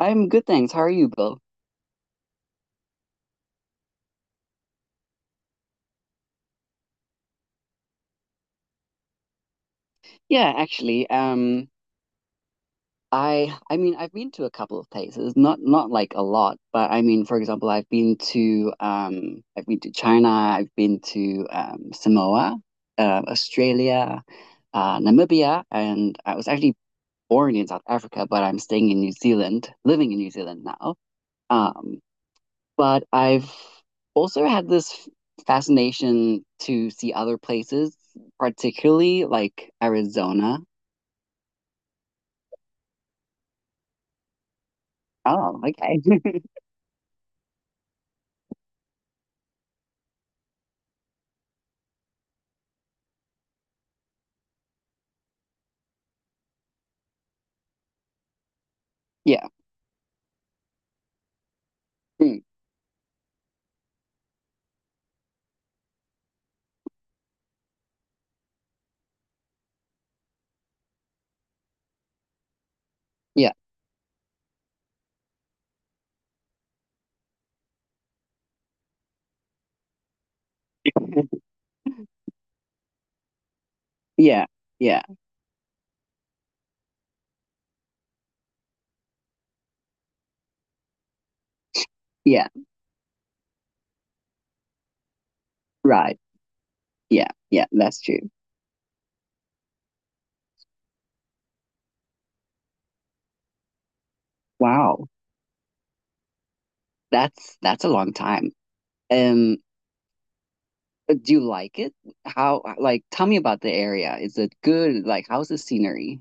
I'm good, thanks. How are you, Bill? Yeah, actually, I mean, I've been to a couple of places, not like a lot, but I mean, for example, I've been to China, I've been to Samoa, Australia, Namibia, and I was actually born in South Africa, but I'm staying in New Zealand, living in New Zealand now. Um, but I've also had this fascination to see other places, particularly like Arizona. Oh, okay. Yeah. Mm. Yeah. Yeah. Yeah. Yeah. Right. Yeah. Yeah. That's true. Wow. That's a long time. Um, but do you like it? How like tell me about the area. Is it good? Like how's the scenery?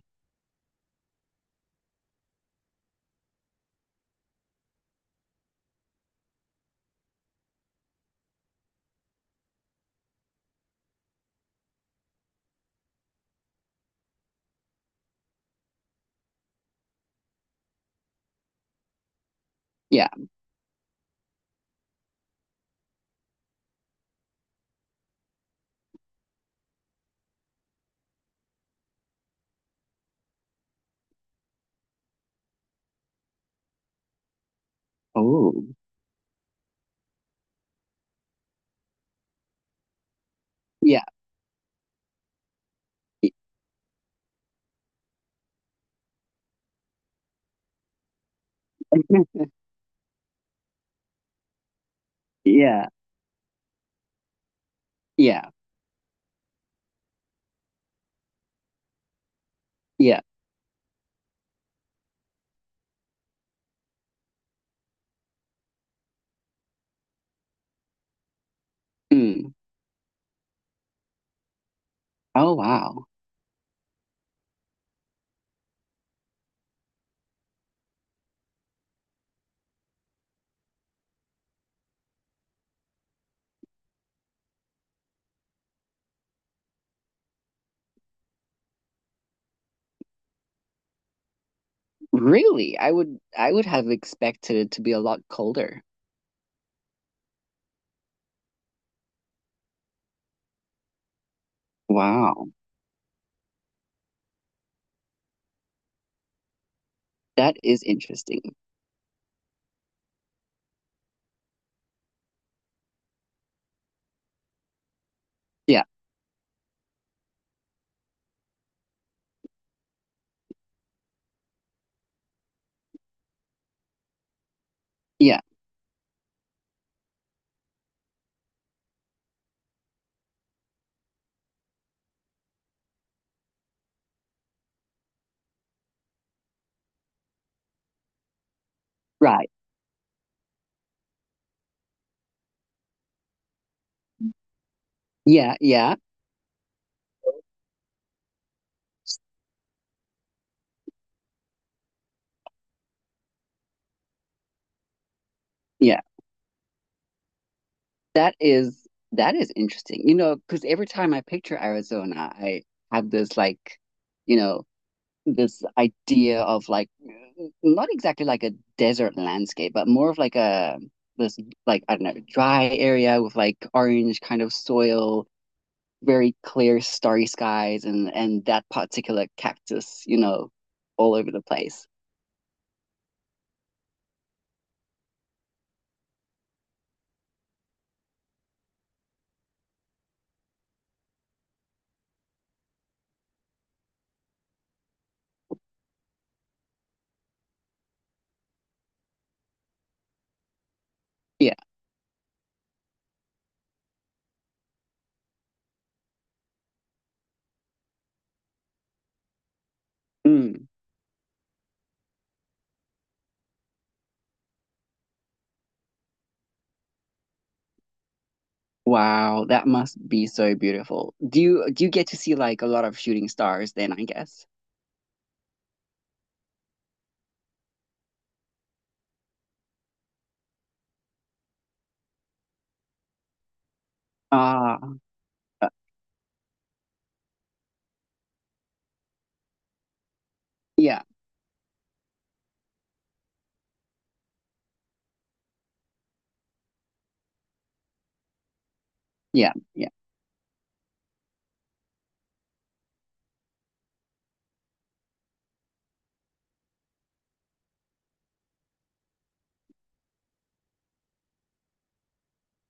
Yeah. Oh. Yeah. Y- Yeah. Yeah. Yeah. Mm. Oh wow. Really? I would have expected it to be a lot colder. Wow. That is interesting. Yeah. Yeah. Right. Yeah. Yeah. Yeah. That is that is interesting. You know, because every time I picture Arizona, I have this like, you know, this idea of like not exactly like a desert landscape, but more of like a this like I don't know, dry area with like orange kind of soil, very clear starry skies and that particular cactus, you know, all over the place. Yeah. Mm. Wow, that must be so beautiful. Do you get to see like a lot of shooting stars then, I guess? Ah, uh, yeah, yeah, yeah,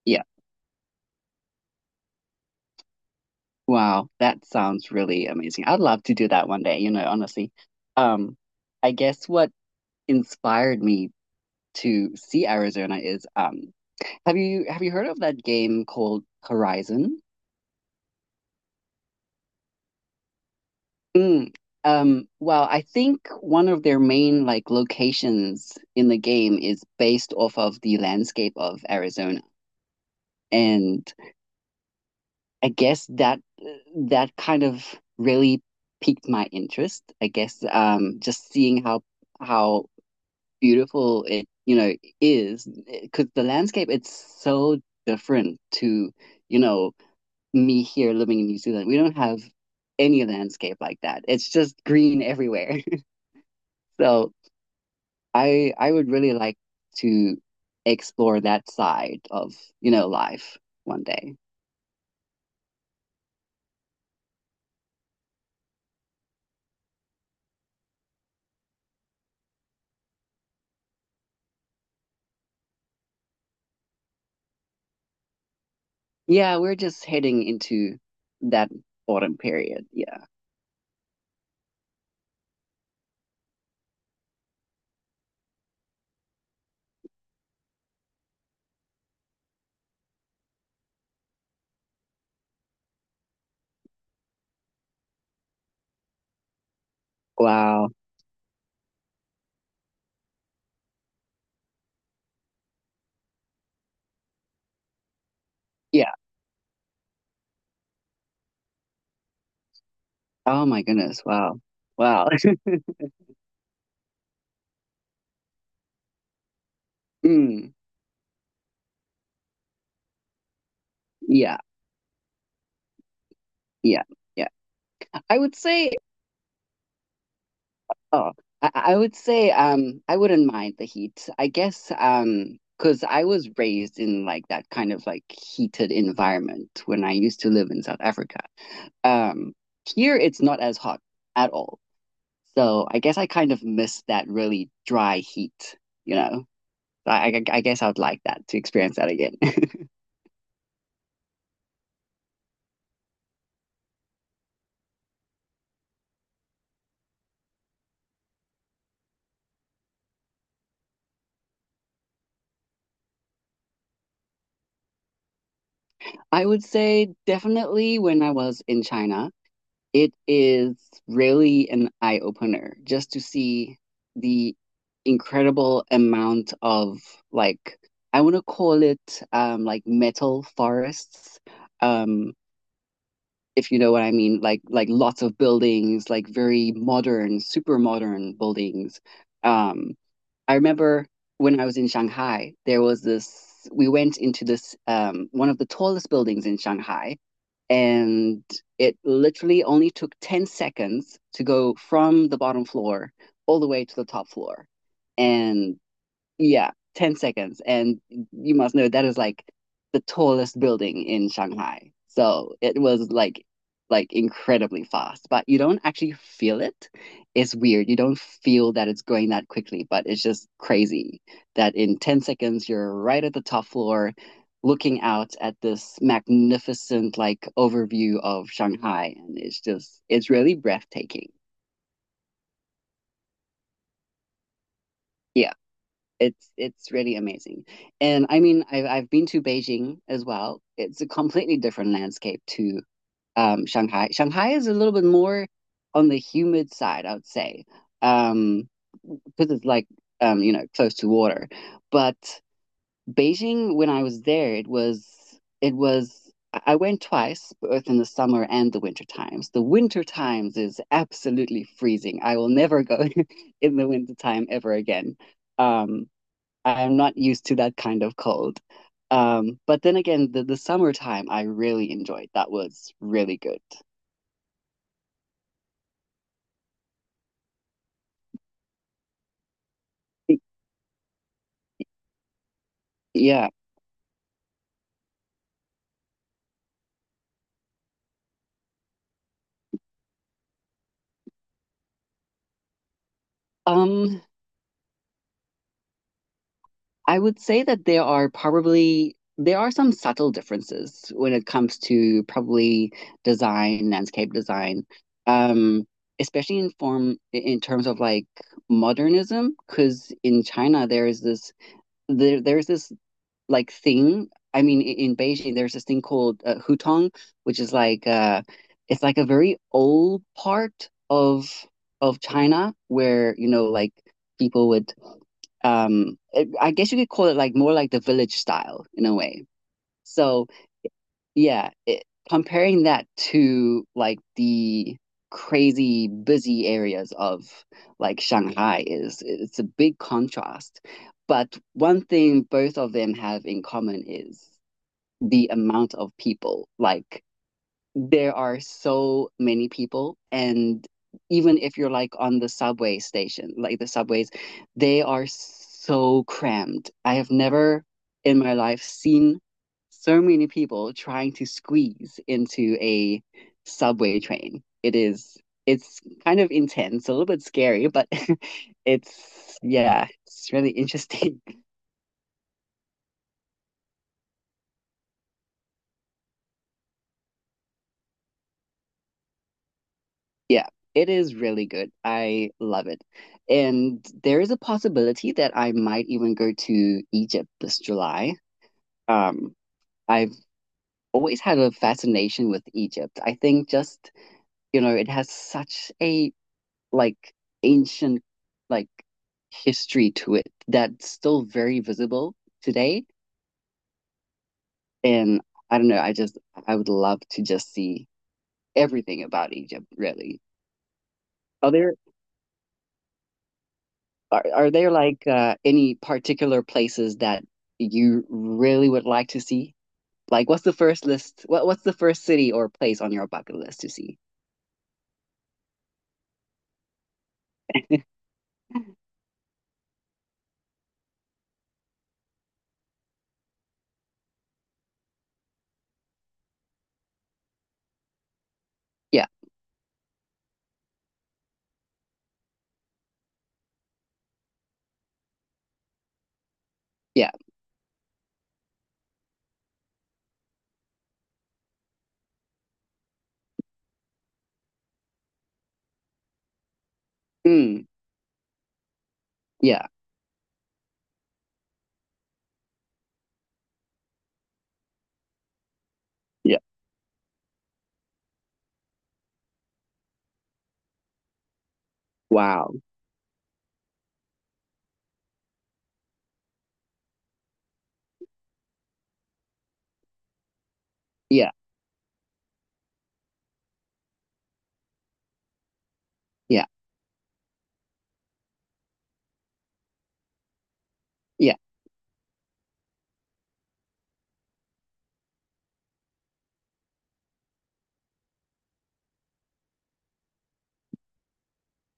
yeah. Wow, that sounds really amazing. I'd love to do that one day, you know, honestly. Um, I guess what inspired me to see Arizona is have you heard of that game called Horizon? Mm. Well, I think one of their main like locations in the game is based off of the landscape of Arizona. And I guess that that kind of really piqued my interest. I guess just seeing how how beautiful it you know is because the landscape it's so different to you know me here living in New Zealand. We don't have any landscape like that. It's just green everywhere. So I would really like to explore that side of you know life one day. Yeah, we're just heading into that autumn period. Yeah. Wow. Yeah. Oh my goodness. Wow. Wow. Mm. Yeah. Yeah. Yeah. I would say, oh, I would say, I wouldn't mind the heat. I guess, because I was raised in like that kind of like heated environment when I used to live in South Africa. Um, Here it's not as hot at all. So I guess I kind of miss that really dry heat, you know? I guess I would like that to experience that again. I would say definitely when I was in China, it is really an eye opener just to see the incredible amount of like I want to call it like metal forests. Um if you know what I mean, like lots of buildings, like very modern, super modern buildings. Um, I remember when I was in Shanghai, there was this. We went into this one of the tallest buildings in Shanghai, and it literally only took 10 seconds to go from the bottom floor all the way to the top floor. And yeah, 10 seconds. And you must know that is like the tallest building in Shanghai. So it was like incredibly fast, but you don't actually feel it. It's weird. You don't feel that it's going that quickly, but it's just crazy that in 10 seconds you're right at the top floor looking out at this magnificent like overview of Shanghai and it's really breathtaking. Yeah. It's really amazing and I mean I've been to Beijing as well. It's a completely different landscape to Shanghai. Shanghai is a little bit more on the humid side I would say, um, because it's like you know close to water. But Beijing when I was there it was. I went twice, both in the summer and the winter times. The winter times is absolutely freezing. I will never go in the winter time ever again. um, I'm not used to that kind of cold. But then again, the summertime I really enjoyed. That was really good. Y- Yeah. Um, I would say that there are some subtle differences when it comes to probably design, landscape design. Um, Especially in form in terms of like modernism, because in China there is this there there's this like thing. I mean, in Beijing, there's this thing called hutong, which is like it's like a very old part of China where you know like people would um I guess you could call it like more like the village style in a way. So yeah, it, comparing that to like the crazy busy areas of like Shanghai is it's a big contrast. But one thing both of them have in common is the amount of people. Like there are so many people and even if you're like on the subway station, like the subways, they are so crammed. I have never in my life seen so many people trying to squeeze into a subway train. It's kind of intense, a little bit scary, but it's yeah, it's really interesting. Yeah, it is really good. I love it. And there is a possibility that I might even go to Egypt this July. Um, I've always had a fascination with Egypt. I think just, you know, it has such a like ancient like history to it that's still very visible today. And I don't know, I would love to just see everything about Egypt, really. Are there are there like any particular places that you really would like to see? Like, what's the first list? What what's the first city or place on your bucket list to see? Yeah, yeah, mm, yeah, yeah. Wow. Yeah, yeah, yeah,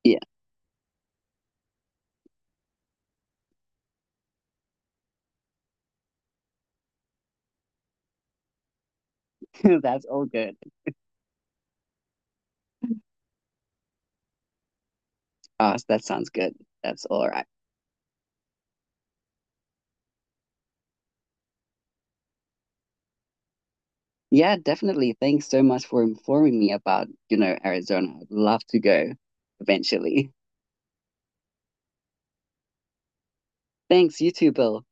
yeah. That's all good. That sounds good. That's all right. Yeah, definitely. Thanks so much for informing me about, you know, Arizona. I'd love to go eventually. Thanks, you too, Bill.